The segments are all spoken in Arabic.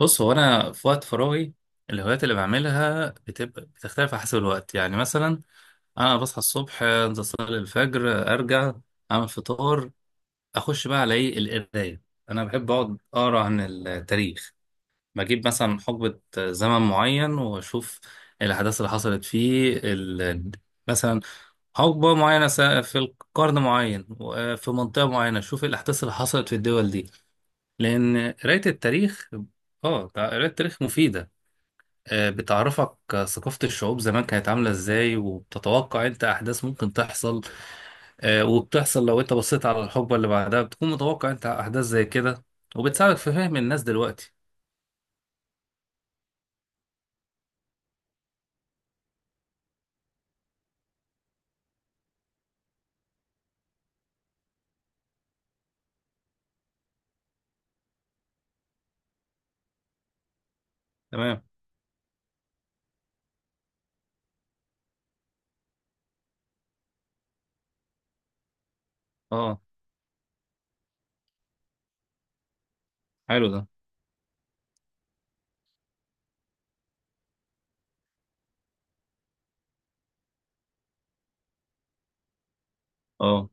بص، هو انا في وقت فراغي الهوايات اللي بعملها بتبقى بتختلف على حسب الوقت، يعني مثلا انا بصحى الصبح، انزل اصلي الفجر، ارجع اعمل فطار، اخش بقى على ايه؟ القرايه. انا بحب اقعد اقرا عن التاريخ، بجيب مثلا حقبه زمن معين واشوف الاحداث اللي حصلت فيه ال... مثلا حقبه معينه في القرن معين وفي منطقه معينه، اشوف الاحداث اللي حصلت في الدول دي، لان قرايه التاريخ، اه قرايه التاريخ مفيده. بتعرفك ثقافة الشعوب زمان كانت عاملة ازاي، وبتتوقع انت احداث ممكن تحصل وبتحصل. لو انت بصيت على الحقبة اللي بعدها، بتكون متوقع انت احداث زي كده، وبتساعدك في فهم الناس دلوقتي. تمام. اه حلو ده. اه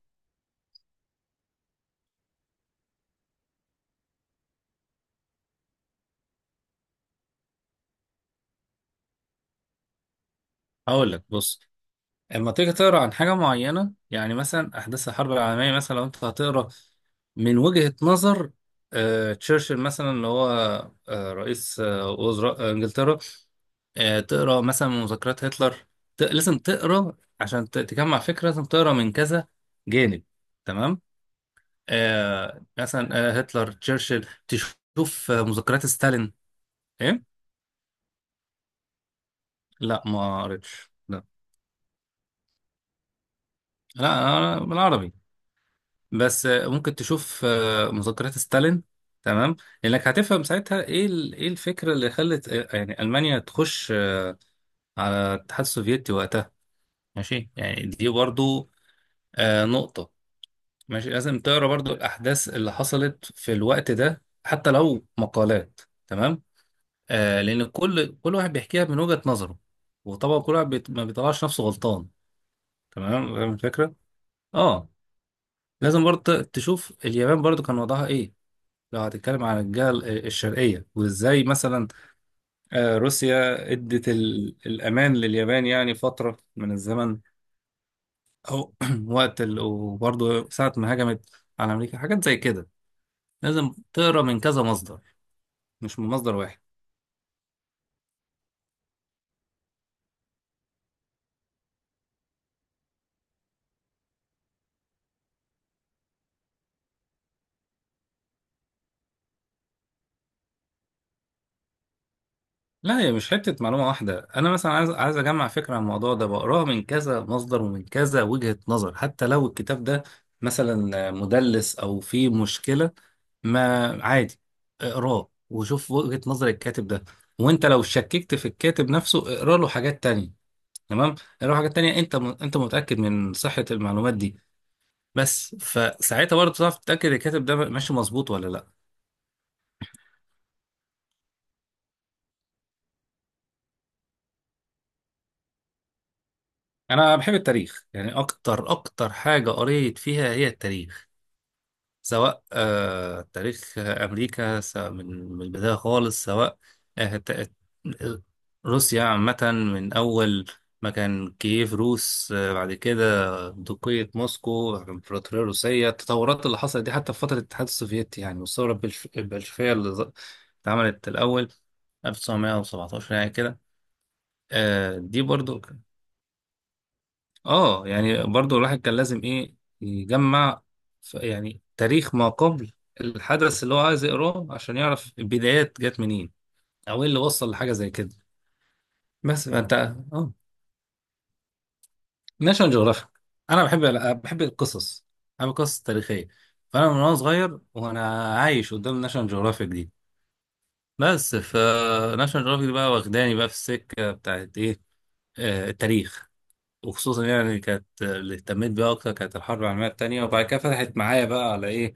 هقول لك، بص، اما تيجي تقرا عن حاجة معينة، يعني مثلا احداث الحرب العالمية، مثلا لو انت هتقرا من وجهة نظر تشرشل مثلا، اللي هو رئيس وزراء انجلترا، تقرا مثلا من مذكرات هتلر. ت... لازم تقرا عشان ت... تجمع فكره، لازم تقرا من كذا جانب. تمام. آه مثلا آه هتلر، تشرشل، تشوف مذكرات ستالين. ايه؟ لا، ما قريتش، لا. لا أنا، أنا بالعربي. بس ممكن تشوف مذكرات ستالين. تمام، لانك هتفهم ساعتها ايه ال... ايه الفكره اللي خلت يعني المانيا تخش على الاتحاد السوفيتي وقتها. ماشي، يعني دي برضو نقطه. ماشي، لازم تقرا برضو الاحداث اللي حصلت في الوقت ده حتى لو مقالات. تمام. آه، لان كل واحد بيحكيها من وجهة نظره، وطبعا كل واحد بيت... ما بيطلعش نفسه غلطان. تمام، فاهم الفكره. اه، لازم برضو تشوف اليابان برضو كان وضعها ايه، لو هتتكلم عن الجهه الشرقيه. وازاي مثلا آه روسيا ادت ال... الامان لليابان يعني فتره من الزمن، او وقت ال... وبرضو ساعه ما هجمت على امريكا، حاجات زي كده. لازم تقرا من كذا مصدر، مش من مصدر واحد. لا، هي مش حتة معلومة واحدة، أنا مثلا عايز، عايز أجمع فكرة عن الموضوع ده، بقراها من كذا مصدر ومن كذا وجهة نظر. حتى لو الكتاب ده مثلا مدلس أو فيه مشكلة، ما عادي، اقراه وشوف وجهة نظر الكاتب ده. وأنت لو شككت في الكاتب نفسه، اقرا له حاجات تانية. تمام، اقرا له حاجات تانية، أنت م... أنت متأكد من صحة المعلومات دي، بس فساعتها برضه تعرف تتأكد الكاتب ده ماشي مظبوط ولا لا. انا بحب التاريخ، يعني اكتر اكتر حاجه قريت فيها هي التاريخ، سواء آه تاريخ امريكا، سواء من من البدايه خالص، سواء آه ت- آه، روسيا عامه، من اول ما كان كييف روس، آه بعد كده دوقية موسكو، الامبراطوريه الروسيه، التطورات اللي حصلت دي، حتى في فتره الاتحاد السوفيتي يعني، والثوره البلشفيه اللي اتعملت الاول 1917 يعني كده. آه دي برضو، اه يعني برضو الواحد كان لازم ايه؟ يجمع يعني تاريخ ما قبل الحدث اللي هو عايز يقراه، عشان يعرف البدايات جت منين او ايه اللي وصل لحاجه زي كده. بس فانت اه ناشونال جيوغرافيك. انا بحب، بحب القصص، بحب القصص التاريخيه. فانا من وانا صغير وانا عايش قدام ناشونال جيوغرافيك دي. بس فناشونال جيوغرافيك دي بقى واخداني بقى في السكه بتاعت ايه؟ آه، التاريخ. وخصوصا يعني كانت اللي اهتميت بيها اكتر كانت الحرب العالميه الثانيه، وبعد كده فتحت معايا بقى على ايه؟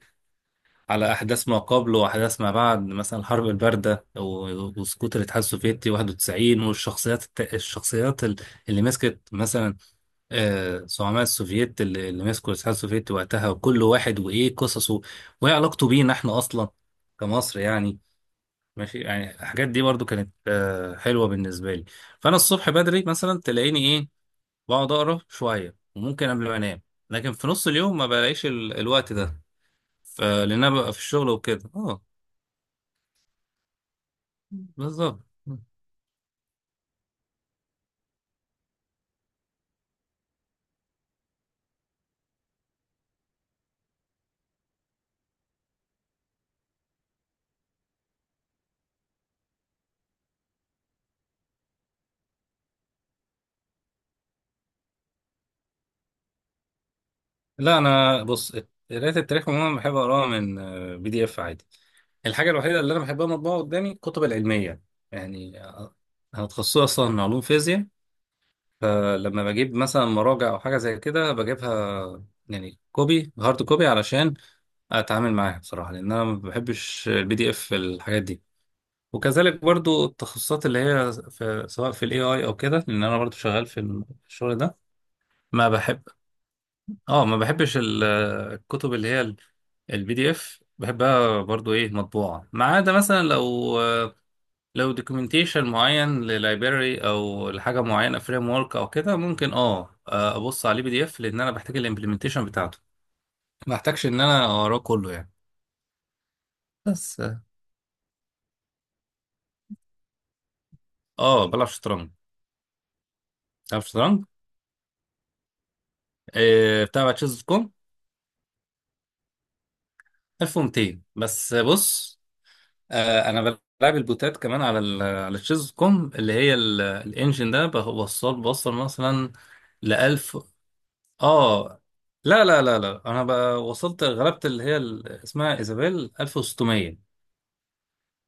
على احداث ما قبل واحداث ما بعد، مثلا الحرب البارده وسقوط الاتحاد السوفيتي 91، والشخصيات الشخصيات اللي مسكت مثلا، آه زعماء السوفيت اللي مسكوا الاتحاد السوفيتي وقتها، وكل واحد وايه قصصه، وايه علاقته بينا احنا اصلا كمصر يعني. ماشي، يعني الحاجات دي برضو كانت آه حلوه بالنسبه لي. فانا الصبح بدري مثلا تلاقيني ايه؟ بقعد اقرا شويه، وممكن قبل ما انام. لكن في نص اليوم ما بلاقيش ال... الوقت ده، لان انا ببقى في الشغل وكده، اه بالظبط. لا انا بص، قرايه التاريخ عموما بحب اقراها من بي دي اف عادي. الحاجه الوحيده اللي انا بحبها مطبوعه قدامي الكتب العلميه، يعني انا تخصصي اصلا علوم فيزياء، فلما بجيب مثلا مراجع او حاجه زي كده بجيبها يعني كوبي، هارد كوبي، علشان اتعامل معاها بصراحه، لان انا ما بحبش البي دي اف الحاجات دي. وكذلك برضو التخصصات اللي هي في، سواء في الاي اي او كده، لان انا برضو شغال في في الشغل ده. ما بحب، اه ما بحبش الكتب اللي هي البي دي اف، بحبها برضو ايه؟ مطبوعة. ما عدا مثلا لو، لو دوكيومنتيشن معين للايبراري او لحاجة معينة فريم ورك او كده، ممكن اه ابص عليه بي دي اف، لان انا بحتاج الامبلمنتيشن بتاعته، ما بحتاجش ان انا اقراه كله يعني. بس اه بلعب شطرنج، بلعب شطرنج. بتابع تشيز دوت كوم. 1200 بس. بص، آه انا بلعب البوتات كمان على ال، على الشيز كوم، اللي هي الانجن ده، بوصل، بوصل مثلا ل 1000. اه. لا انا بقى وصلت، غلبت اللي هي اسمها ايزابيل 1600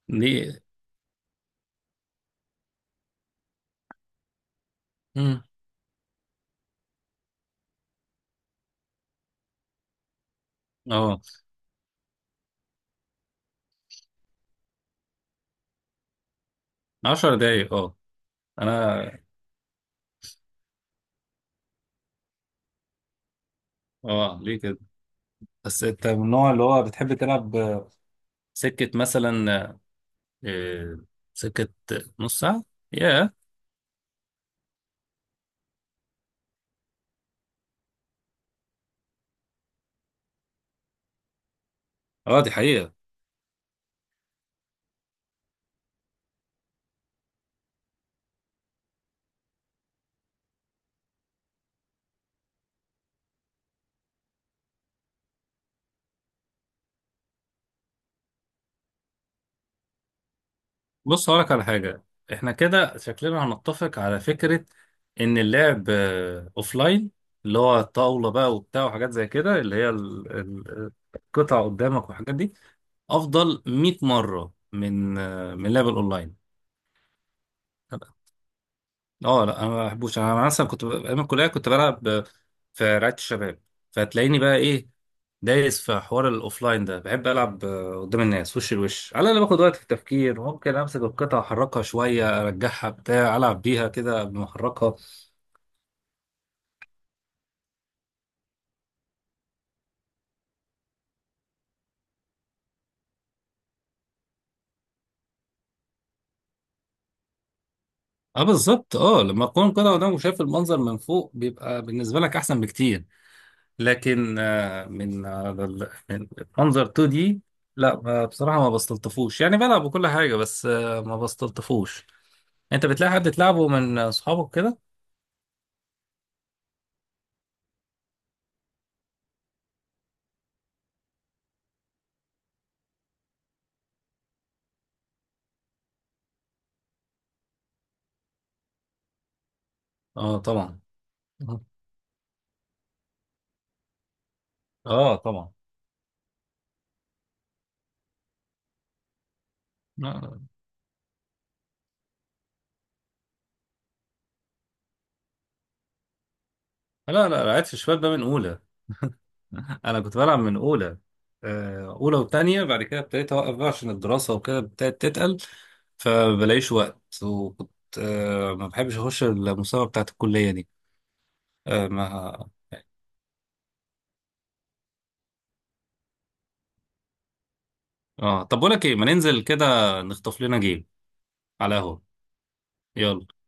دي. مم. اه 10 دقايق اه. انا، اه ليه كده؟ بس انت من النوع اللي هو بتحب تلعب سكة مثلا، آه، سكة، نص ساعة. ياه، اه دي حقيقة. بص هقولك على حاجة، احنا كده شكلنا هنتفق على فكرة ان اللعب اوف لاين، اللي هو الطاولة بقى وبتاع وحاجات زي كده، اللي هي القطع قدامك والحاجات دي، افضل 100 مرة من من لعب الاونلاين. اه لا انا ما بحبوش. انا مثلا كنت ايام الكليه كنت بلعب في رعايه الشباب، فتلاقيني بقى ايه؟ دايس في حوار الاوفلاين ده. بحب العب قدام الناس وش لوش، على الاقل باخد وقت في التفكير، ممكن امسك القطعه احركها شويه ارجعها بتاع، العب بيها كده قبل ما احركها. اه بالظبط، اه لما تكون القطعه قدامك وشايف المنظر من فوق، بيبقى بالنسبه لك احسن بكتير، لكن من على من منظر 2 دي لا، بصراحه ما بستلطفوش، يعني بلعب وكل حاجه بس ما بستلطفوش. انت بتلاقي حد تلعبه من اصحابك كده؟ اه طبعا. اه طبعا. لا لا لا لعبت في الشباب ده من اولى. انا كنت بلعب من اولى، اولى وتانية، بعد كده ابتديت اوقف بقى عشان الدراسه وكده، ابتدت تتقل فبلاقيش وقت. وكنت ما بحبش اخش المسابقه بتاعت الكليه دي، آه، ما اه طب بقول لك ايه، ما ننزل كده نخطف لنا جيم على قهوه. يلا.